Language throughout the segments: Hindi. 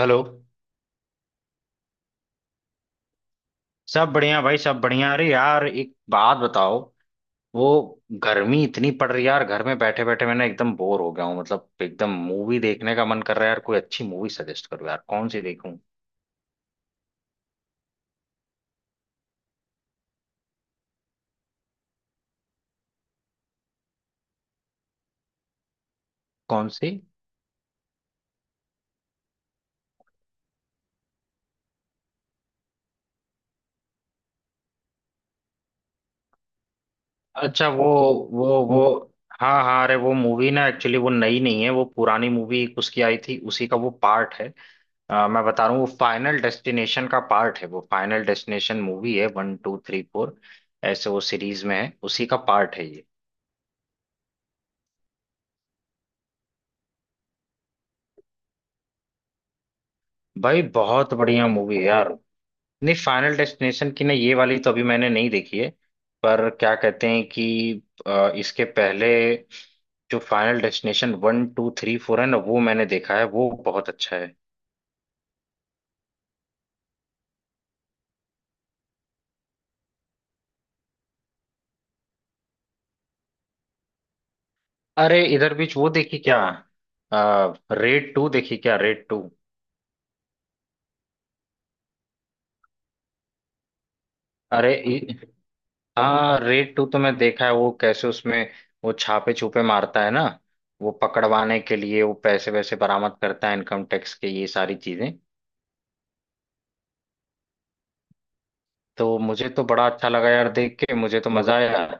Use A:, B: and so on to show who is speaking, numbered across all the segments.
A: हेलो। सब बढ़िया भाई, सब बढ़िया। अरे यार, एक बात बताओ। वो, गर्मी इतनी पड़ रही है यार, घर में बैठे बैठे मैंने एकदम बोर हो गया हूँ। मतलब एकदम मूवी देखने का मन कर रहा है यार, कोई अच्छी मूवी सजेस्ट करो यार, कौन सी देखूं? कौन सी? अच्छा वो वो वो। हाँ हाँ, अरे वो मूवी ना एक्चुअली वो नई नहीं है, वो पुरानी मूवी एक उसकी आई थी, उसी का वो पार्ट है। मैं बता रहा हूँ वो फाइनल डेस्टिनेशन का पार्ट है, वो फाइनल डेस्टिनेशन मूवी है 1 2 3 4। ऐसे वो सीरीज में है, उसी का पार्ट है ये। भाई बहुत बढ़िया मूवी है यार। नहीं, फाइनल डेस्टिनेशन की ना ये वाली तो अभी मैंने नहीं देखी है। पर क्या कहते हैं कि इसके पहले जो फाइनल डेस्टिनेशन 1 2 3 4 है ना, वो मैंने देखा है, वो बहुत अच्छा है। अरे इधर बीच वो देखी क्या, रेड टू देखी क्या, रेड टू? अरे इ- हाँ, रेड टू तो मैं देखा है। वो कैसे उसमें, वो छापे छुपे मारता है ना, वो पकड़वाने के लिए वो पैसे वैसे बरामद करता है, इनकम टैक्स के ये सारी चीजें। तो मुझे तो बड़ा अच्छा लगा यार देख के, मुझे तो मजा आया यार।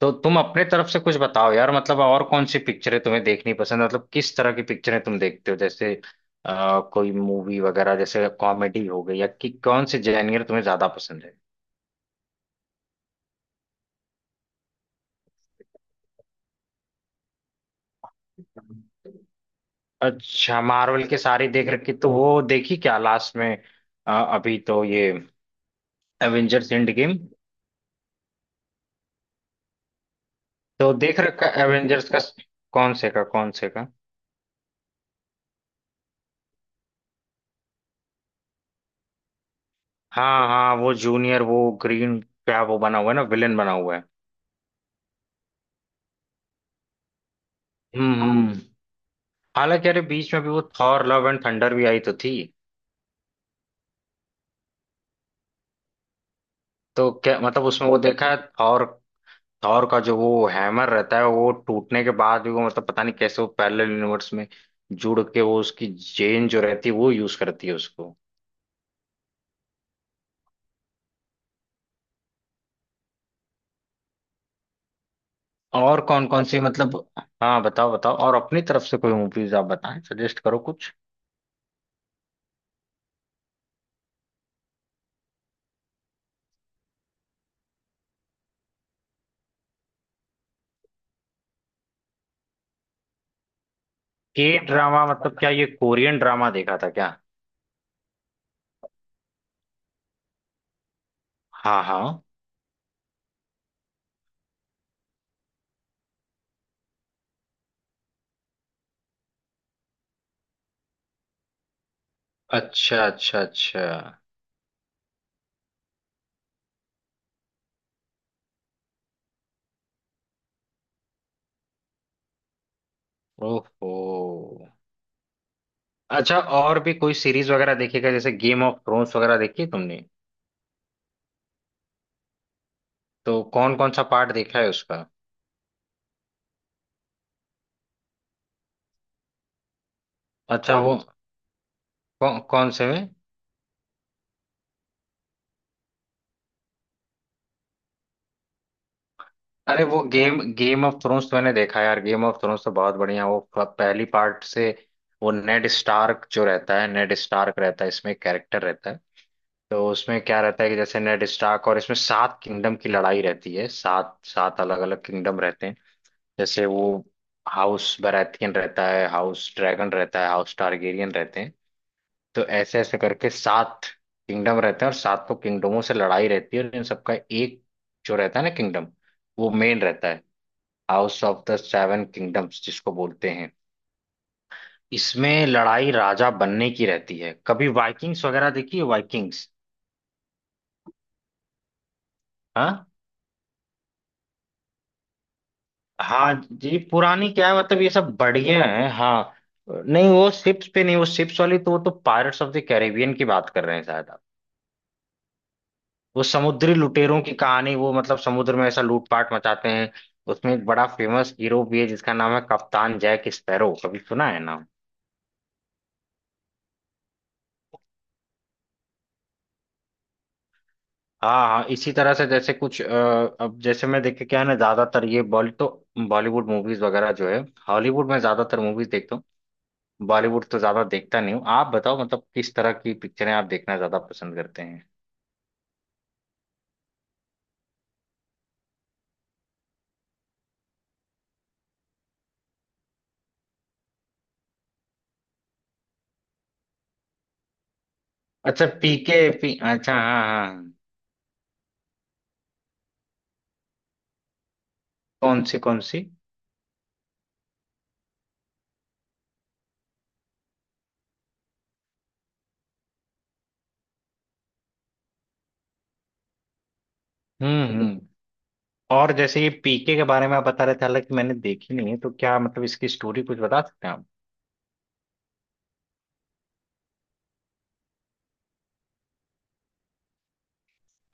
A: तो तुम अपने तरफ से कुछ बताओ यार, मतलब और कौन सी पिक्चरें तुम्हें देखनी पसंद है? मतलब किस तरह की पिक्चरें तुम देखते हो? जैसे कोई मूवी वगैरह जैसे कॉमेडी हो गई, या कि कौन से जेनर तुम्हें ज्यादा पसंद है? अच्छा, मार्वल के सारी देख रखी, तो वो देखी क्या लास्ट में? अभी तो ये एवेंजर्स एंड गेम, तो देख रखा एवेंजर्स का? कौन से का, कौन से का? हाँ हाँ, वो जूनियर वो ग्रीन क्या वो बना हुआ है ना, विलेन बना हुआ है। हम्म हम्म। हालांकि अरे बीच में भी वो थॉर लव एंड थंडर भी आई तो थी। तो क्या मतलब उसमें वो देखा है थॉर? थॉर का जो वो हैमर रहता है, वो टूटने के बाद भी वो मतलब पता नहीं कैसे वो पैरेलल यूनिवर्स में जुड़ के वो उसकी जेन जो रहती है वो यूज करती है उसको। और कौन कौन सी मतलब, हाँ बताओ बताओ, और अपनी तरफ से कोई मूवीज आप बताएं, सजेस्ट करो कुछ। के ड्रामा मतलब क्या, ये कोरियन ड्रामा देखा था क्या? हाँ हाँ। अच्छा अच्छा अच्छा। ओहो। अच्छा, और भी कोई सीरीज वगैरह देखेगा जैसे गेम ऑफ थ्रोन्स वगैरह देखी तुमने? तो कौन कौन सा पार्ट देखा है उसका? अच्छा कौन वो, कौन से में? अरे वो गेम गेम ऑफ थ्रोन्स तो मैंने देखा यार, गेम ऑफ थ्रोन्स तो बहुत बढ़िया। वो पहली पार्ट से, वो नेड स्टार्क जो रहता है, नेड स्टार्क रहता है इसमें कैरेक्टर रहता है। तो उसमें क्या रहता है कि जैसे नेड स्टार्क, और इसमें सात किंगडम की लड़ाई रहती है, सात सात अलग अलग किंगडम रहते हैं। जैसे वो हाउस बराथियन रहता है, हाउस ड्रैगन रहता है, हाउस टारगेरियन रहते हैं। तो ऐसे ऐसे करके सात किंगडम रहते हैं, और सातों किंगडमों से लड़ाई रहती है, और इन सबका एक जो रहता है ना किंगडम, वो मेन रहता है, house of the seven kingdoms जिसको बोलते हैं। इसमें लड़ाई राजा बनने की रहती है। कभी वाइकिंग्स वगैरह देखी है, वाइकिंग्स? हाँ हाँ। जी पुरानी क्या है, मतलब ये सब बढ़िया है। हाँ, नहीं वो शिप्स पे नहीं, वो शिप्स वाली तो वो तो पायरेट्स ऑफ द कैरेबियन की बात कर रहे हैं शायद आप। वो समुद्री लुटेरों की कहानी, वो मतलब समुद्र में ऐसा लूटपाट मचाते हैं। उसमें एक बड़ा फेमस हीरो भी है जिसका नाम है कप्तान जैक स्पैरो, कभी सुना है नाम? हाँ हाँ, इसी तरह से जैसे कुछ अब जैसे मैं देखे क्या है ना, ज्यादातर ये बॉलीवुड मूवीज वगैरह जो है, हॉलीवुड में ज्यादातर मूवीज देखता हूँ। बॉलीवुड तो ज्यादा देखता नहीं हूँ। आप बताओ मतलब किस तरह की पिक्चरें आप देखना ज्यादा पसंद करते हैं? अच्छा पीके, पी अच्छा हाँ हाँ हाँ। कौन सी कौन सी? हम्म, और जैसे ये पीके के बारे में आप बता रहे थे, हालांकि मैंने देखी नहीं है, तो क्या मतलब इसकी स्टोरी कुछ बता सकते हैं आप?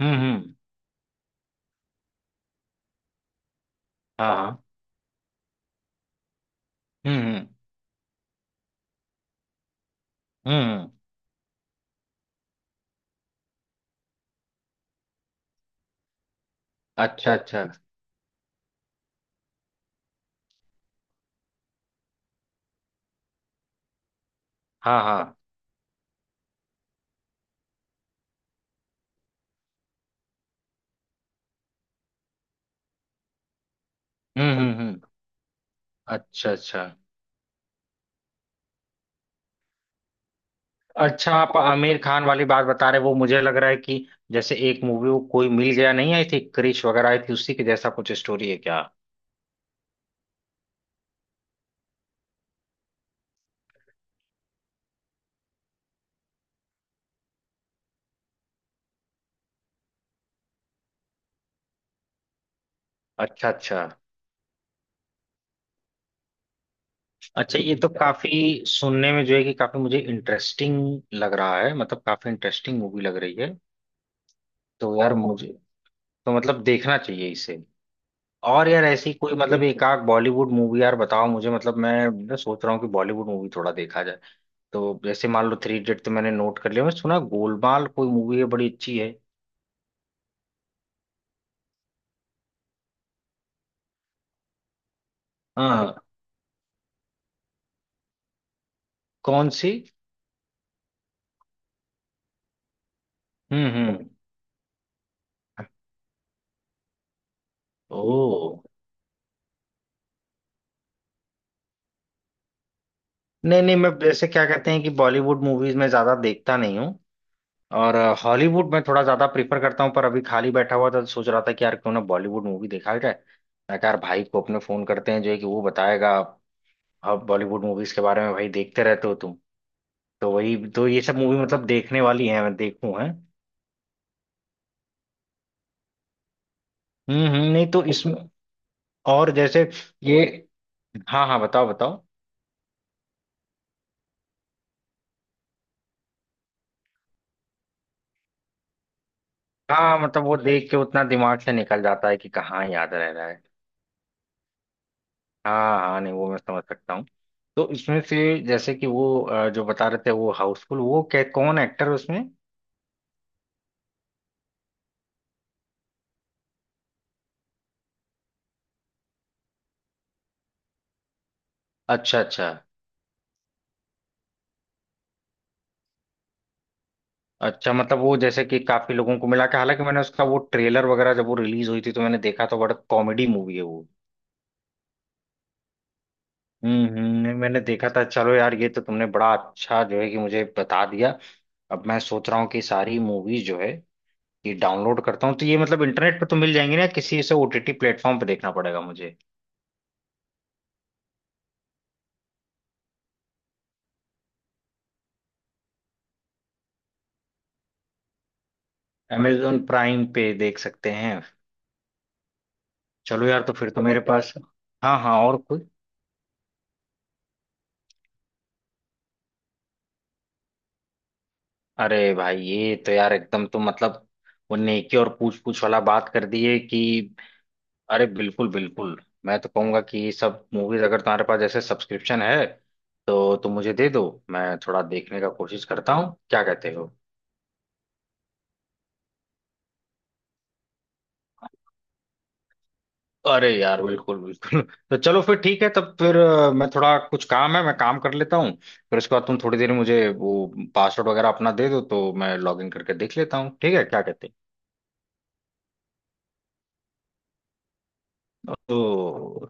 A: हम्म। हाँ हाँ। हम्म हम्म हम्म। अच्छा अच्छा। हाँ हाँ। हम्म। अच्छा अच्छा अच्छा, आप आमिर खान वाली बात बता रहे, वो मुझे लग रहा है कि जैसे एक मूवी वो कोई मिल गया नहीं आई थी, क्रिश वगैरह आई थी, उसी के जैसा कुछ स्टोरी है क्या? अच्छा अच्छा अच्छा, ये तो काफी सुनने में जो है कि काफी मुझे इंटरेस्टिंग लग रहा है, मतलब काफी इंटरेस्टिंग मूवी लग रही है। तो यार मुझे तो मतलब देखना चाहिए इसे। और यार ऐसी कोई मतलब एक आध बॉलीवुड मूवी यार बताओ मुझे, मतलब मैं ना सोच रहा हूँ कि बॉलीवुड मूवी थोड़ा देखा जाए। तो जैसे मान लो थ्री इडियट तो मैंने नोट कर लिया, मैं सुना गोलमाल कोई मूवी है बड़ी अच्छी है। हाँ कौन सी? हम्म। ओ, नहीं नहीं, मैं जैसे क्या कहते हैं कि बॉलीवुड मूवीज में ज्यादा देखता नहीं हूँ, और हॉलीवुड में थोड़ा ज्यादा प्रीफर करता हूँ। पर अभी खाली बैठा हुआ था तो सोच रहा था कि यार क्यों ना बॉलीवुड मूवी देखा जाए। मैं कहा यार भाई को अपने फोन करते हैं जो है कि वो बताएगा अब बॉलीवुड मूवीज के बारे में। भाई देखते रहते हो तुम, तो वही तो, ये सब मूवी मतलब देखने वाली है मैं देखूं है। हम्म, नहीं तो इसमें, और जैसे ये, हाँ हाँ बताओ बताओ। हाँ मतलब वो देख के उतना दिमाग से निकल जाता है कि कहाँ याद रह रहा है। हाँ हाँ, नहीं वो मैं समझ सकता हूँ। तो इसमें से, जैसे कि वो जो बता रहे थे वो हाउसफुल, वो क्या कौन एक्टर है उसमें? अच्छा अच्छा अच्छा, मतलब वो जैसे कि काफी लोगों को मिला के, हालांकि मैंने उसका वो ट्रेलर वगैरह जब वो रिलीज हुई थी तो मैंने देखा तो बड़ा कॉमेडी मूवी है वो। नहीं, मैंने देखा था। चलो यार, ये तो तुमने बड़ा अच्छा जो है कि मुझे बता दिया। अब मैं सोच रहा हूँ कि सारी मूवीज जो है ये डाउनलोड करता हूँ, तो ये मतलब इंटरनेट पे तो मिल जाएंगी ना किसी से, ओटीटी प्लेटफॉर्म पे देखना पड़ेगा मुझे? अमेजोन प्राइम पे देख सकते हैं। चलो यार तो फिर तो मेरे पास, हाँ हाँ और कोई? अरे भाई ये तो यार एकदम तो मतलब, वो नेकी और पूछ पूछ वाला बात कर दी है कि, अरे बिल्कुल बिल्कुल। मैं तो कहूंगा कि ये सब मूवीज अगर तुम्हारे पास जैसे सब्सक्रिप्शन है तो तुम मुझे दे दो, मैं थोड़ा देखने का कोशिश करता हूँ, क्या कहते हो? अरे यार बिल्कुल बिल्कुल तो चलो फिर ठीक है। तब फिर मैं थोड़ा, कुछ काम है मैं काम कर लेता हूँ, फिर उसके बाद तुम थोड़ी देर में मुझे वो पासवर्ड वगैरह अपना दे दो, तो मैं लॉग इन करके देख लेता हूँ। ठीक है क्या कहते हो? ओ,